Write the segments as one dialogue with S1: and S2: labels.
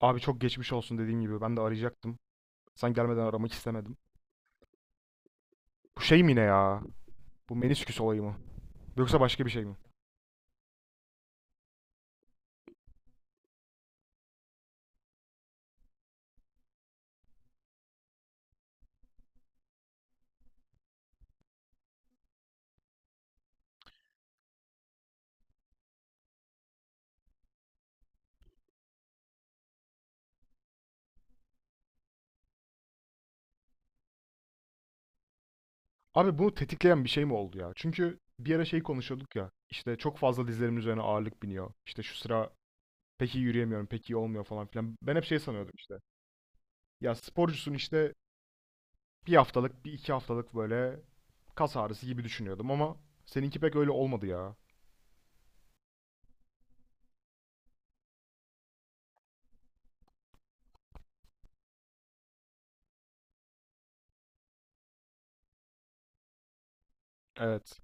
S1: Abi çok geçmiş olsun dediğim gibi. Ben de arayacaktım. Sen gelmeden aramak istemedim. Bu şey mi ne ya? Bu menisküs olayı mı? Yoksa başka bir şey mi? Abi bunu tetikleyen bir şey mi oldu ya? Çünkü bir ara şey konuşuyorduk ya. İşte çok fazla dizlerimin üzerine ağırlık biniyor. İşte şu sıra pek iyi yürüyemiyorum, pek iyi olmuyor falan filan. Ben hep şey sanıyordum işte. Ya sporcusun işte bir haftalık, bir iki haftalık böyle kas ağrısı gibi düşünüyordum ama seninki pek öyle olmadı ya. Evet.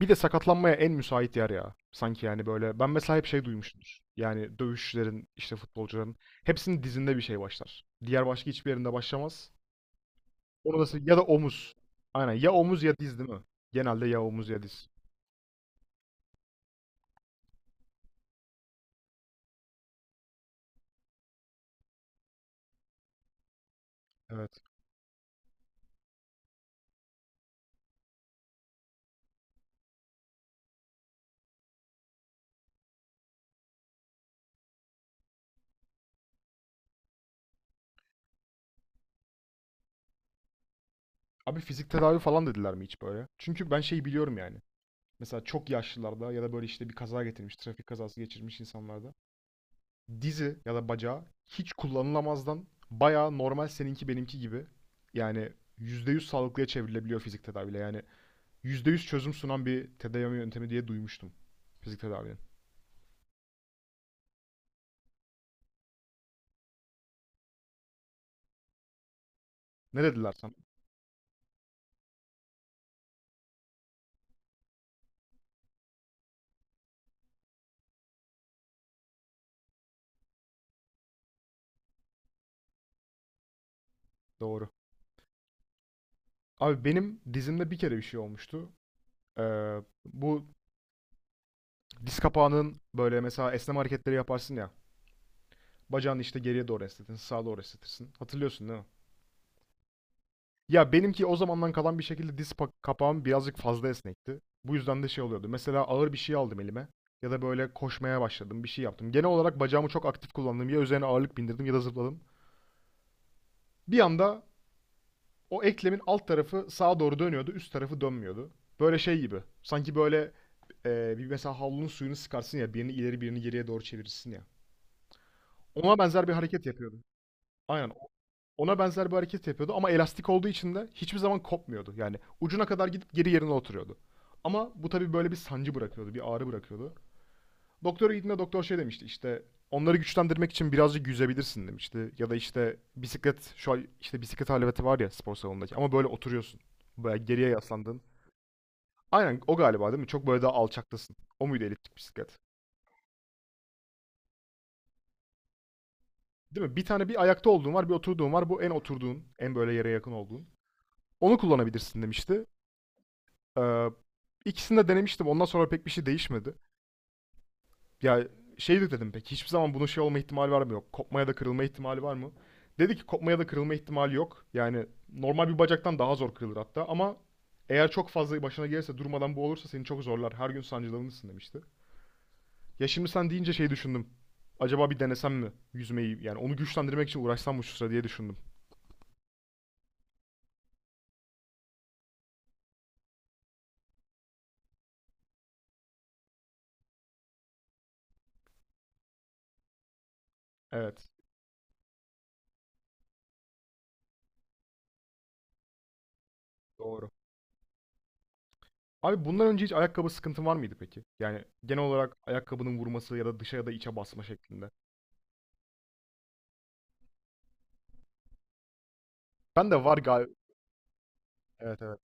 S1: Bir de sakatlanmaya en müsait yer ya. Sanki yani böyle ben mesela hep şey duymuşumdur. Yani dövüşçülerin işte futbolcuların hepsinin dizinde bir şey başlar. Diğer başka hiçbir yerinde başlamaz. Onu da ya da omuz. Aynen ya omuz ya diz değil mi? Genelde ya omuz ya diz. Evet. Abi fizik tedavi falan dediler mi hiç böyle? Çünkü ben şeyi biliyorum yani. Mesela çok yaşlılarda ya da böyle işte bir kaza getirmiş, trafik kazası geçirmiş insanlarda dizi ya da bacağı hiç kullanılamazdan bayağı normal seninki benimki gibi yani %100 sağlıklıya çevrilebiliyor fizik tedaviyle. Yani %100 çözüm sunan bir tedavi yöntemi diye duymuştum fizik tedavinin. Ne dediler sana? Doğru. Abi benim dizimde bir kere bir şey olmuştu. Bu diz kapağının böyle mesela esneme hareketleri yaparsın ya. Bacağını işte geriye doğru esnetirsin, sağa doğru esnetirsin. Hatırlıyorsun değil mi? Ya benimki o zamandan kalan bir şekilde diz kapağım birazcık fazla esnekti. Bu yüzden de şey oluyordu. Mesela ağır bir şey aldım elime ya da böyle koşmaya başladım, bir şey yaptım. Genel olarak bacağımı çok aktif kullandım. Ya üzerine ağırlık bindirdim ya da zıpladım. Bir anda o eklemin alt tarafı sağa doğru dönüyordu, üst tarafı dönmüyordu. Böyle şey gibi. Sanki böyle bir mesela havlunun suyunu sıkarsın ya birini ileri birini geriye doğru çevirirsin ya. Ona benzer bir hareket yapıyordum. Aynen. Ona benzer bir hareket yapıyordu ama elastik olduğu için de hiçbir zaman kopmuyordu. Yani ucuna kadar gidip geri yerine oturuyordu. Ama bu tabii böyle bir sancı bırakıyordu, bir ağrı bırakıyordu. Doktora gittiğinde doktor şey demişti işte onları güçlendirmek için birazcık yüzebilirsin demişti. Ya da işte bisiklet şu an işte bisiklet aleveti var ya spor salonundaki ama böyle oturuyorsun. Böyle geriye yaslandın. Aynen o galiba değil mi? Çok böyle daha alçaktasın. O muydu eliptik bisiklet? Değil mi? Bir tane bir ayakta olduğun var, bir oturduğun var. Bu en oturduğun, en böyle yere yakın olduğun. Onu kullanabilirsin demişti. Ee, ikisini de denemiştim. Ondan sonra pek bir şey değişmedi. Ya şey de dedim peki hiçbir zaman bunun şey olma ihtimali var mı yok? Kopmaya da kırılma ihtimali var mı? Dedi ki kopmaya da kırılma ihtimali yok. Yani normal bir bacaktan daha zor kırılır hatta ama eğer çok fazla başına gelirse durmadan bu olursa seni çok zorlar. Her gün sancılanırsın demişti. Ya şimdi sen deyince şey düşündüm. Acaba bir denesem mi yüzmeyi? Yani onu güçlendirmek için uğraşsam mı şu sıra diye düşündüm. Evet, doğru. Abi bundan önce hiç ayakkabı sıkıntın var mıydı peki? Yani genel olarak ayakkabının vurması ya da dışa ya da içe basma şeklinde. Ben de var galiba. Evet, evet.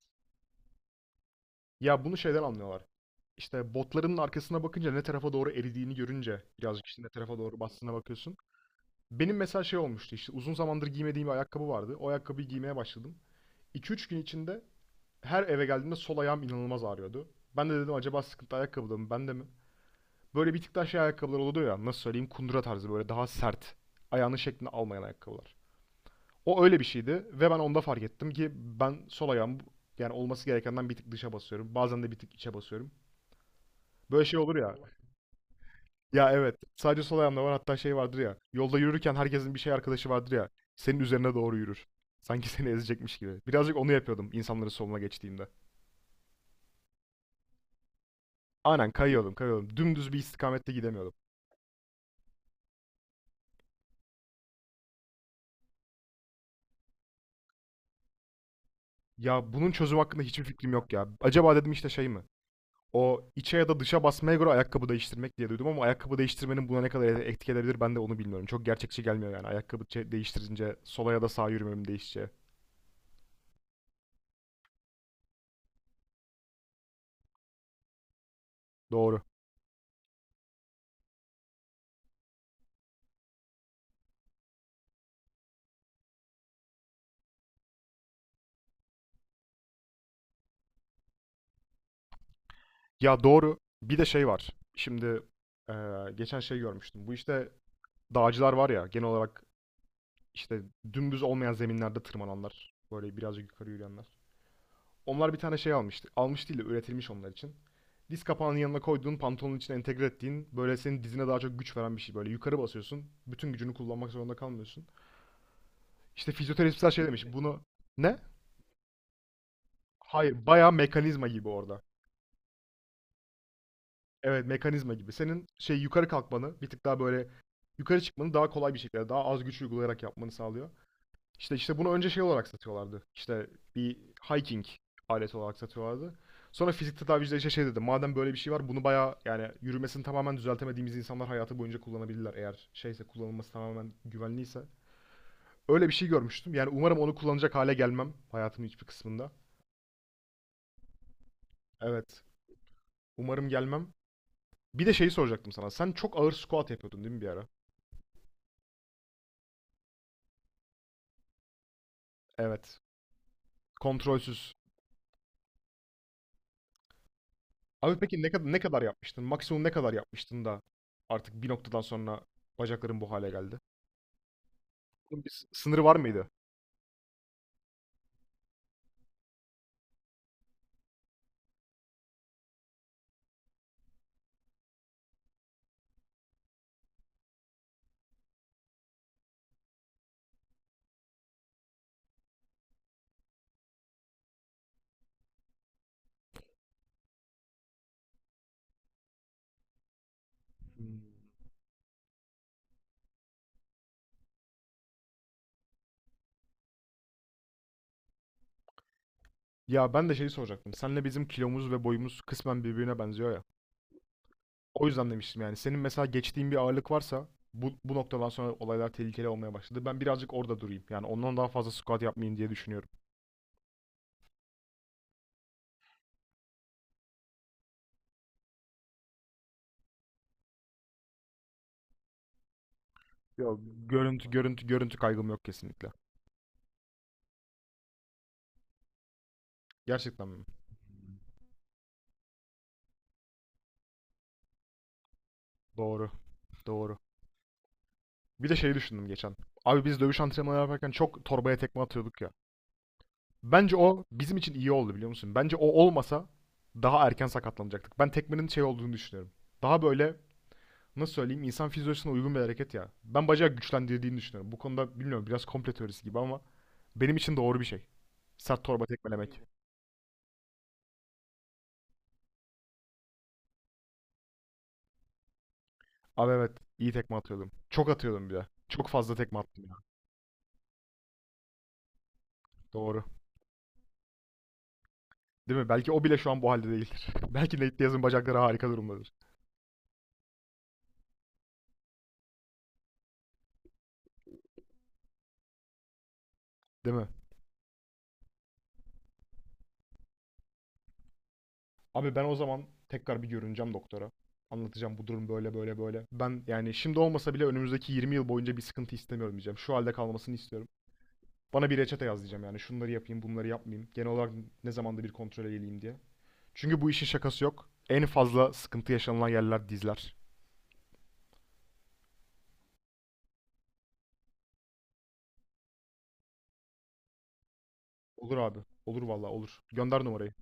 S1: Ya bunu şeyden anlıyorlar. İşte botların arkasına bakınca ne tarafa doğru eridiğini görünce birazcık işte ne tarafa doğru bastığına bakıyorsun. Benim mesela şey olmuştu işte uzun zamandır giymediğim bir ayakkabı vardı. O ayakkabıyı giymeye başladım. 2 3 gün içinde her eve geldiğimde sol ayağım inanılmaz ağrıyordu. Ben de dedim acaba sıkıntı ayakkabıda mı bende mi? Böyle bir tık daha şey ayakkabılar oluyor ya nasıl söyleyeyim kundura tarzı böyle daha sert. Ayağının şeklini almayan ayakkabılar. O öyle bir şeydi ve ben onda fark ettim ki ben sol ayağım yani olması gerekenden bir tık dışa basıyorum. Bazen de bir tık içe basıyorum. Böyle şey olur ya. Ya evet. Sadece sol ayağımda var. Hatta şey vardır ya. Yolda yürürken herkesin bir şey arkadaşı vardır ya. Senin üzerine doğru yürür. Sanki seni ezecekmiş gibi. Birazcık onu yapıyordum insanların soluna geçtiğimde. Aynen, kayıyordum kayıyordum. Dümdüz bir istikamette gidemiyordum. Ya bunun çözüm hakkında hiçbir fikrim yok ya. Acaba dedim işte şey mi? O içe ya da dışa basmaya göre ayakkabı değiştirmek diye duydum ama ayakkabı değiştirmenin buna ne kadar etki edebilir ben de onu bilmiyorum. Çok gerçekçi gelmiyor yani ayakkabı değiştirince sola ya da sağa yürümem değişeceği. Doğru. Ya doğru. Bir de şey var. Şimdi geçen şey görmüştüm. Bu işte dağcılar var ya genel olarak işte dümdüz olmayan zeminlerde tırmananlar. Böyle birazcık yukarı yürüyenler. Onlar bir tane şey almıştı. Almış değil de üretilmiş onlar için. Diz kapağının yanına koyduğun pantolonun içine entegre ettiğin böyle senin dizine daha çok güç veren bir şey böyle. Yukarı basıyorsun. Bütün gücünü kullanmak zorunda kalmıyorsun. İşte fizyoterapistler şey demiş. Bunu ne? Hayır, bayağı mekanizma gibi orada. Evet, mekanizma gibi. Senin şey yukarı kalkmanı, bir tık daha böyle yukarı çıkmanı daha kolay bir şekilde, daha az güç uygulayarak yapmanı sağlıyor. İşte bunu önce şey olarak satıyorlardı. İşte bir hiking aleti olarak satıyorlardı. Sonra fizik tedaviciler işte şey dedi. Madem böyle bir şey var bunu bayağı yani yürümesini tamamen düzeltemediğimiz insanlar hayatı boyunca kullanabilirler. Eğer şeyse kullanılması tamamen güvenliyse. Öyle bir şey görmüştüm. Yani umarım onu kullanacak hale gelmem hayatımın hiçbir kısmında. Evet. Umarım gelmem. Bir de şeyi soracaktım sana. Sen çok ağır squat yapıyordun değil mi bir ara? Evet. Kontrolsüz. Abi peki ne kadar ne kadar yapmıştın? Maksimum ne kadar yapmıştın da artık bir noktadan sonra bacakların bu hale geldi? Bunun bir sınırı var mıydı? Hmm. Ya ben de şeyi soracaktım. Senle bizim kilomuz ve boyumuz kısmen birbirine benziyor ya. O yüzden demiştim yani. Senin mesela geçtiğin bir ağırlık varsa bu noktadan sonra olaylar tehlikeli olmaya başladı. Ben birazcık orada durayım. Yani ondan daha fazla squat yapmayayım diye düşünüyorum. Yok. Görüntü, görüntü, görüntü kaygım yok kesinlikle. Gerçekten mi? Doğru, doğru. Bir de şeyi düşündüm geçen. Abi biz dövüş antrenmanı yaparken çok torbaya tekme atıyorduk ya. Bence o bizim için iyi oldu biliyor musun? Bence o olmasa daha erken sakatlanacaktık. Ben tekmenin şey olduğunu düşünüyorum. Daha böyle nasıl söyleyeyim insan fizyolojisine uygun bir hareket ya. Ben bacağı güçlendirdiğini düşünüyorum. Bu konuda bilmiyorum biraz komple teorisi gibi ama benim için doğru bir şey. Sert torba tekmelemek. Abi evet, iyi tekme atıyordum. Çok atıyordum bir de. Çok fazla tekme attım ya. Doğru. Değil mi? Belki o bile şu an bu halde değildir. Belki Nate Diaz'ın bacakları harika durumdadır. Değil mi? Abi ben o zaman tekrar bir görüneceğim doktora. Anlatacağım bu durum böyle böyle böyle. Ben yani şimdi olmasa bile önümüzdeki 20 yıl boyunca bir sıkıntı istemiyorum diyeceğim. Şu halde kalmasını istiyorum. Bana bir reçete yaz diyeceğim yani. Şunları yapayım, bunları yapmayayım. Genel olarak ne zamanda bir kontrol edeyim diye. Çünkü bu işin şakası yok. En fazla sıkıntı yaşanılan yerler dizler. Olur abi. Olur vallahi olur. Gönder numarayı.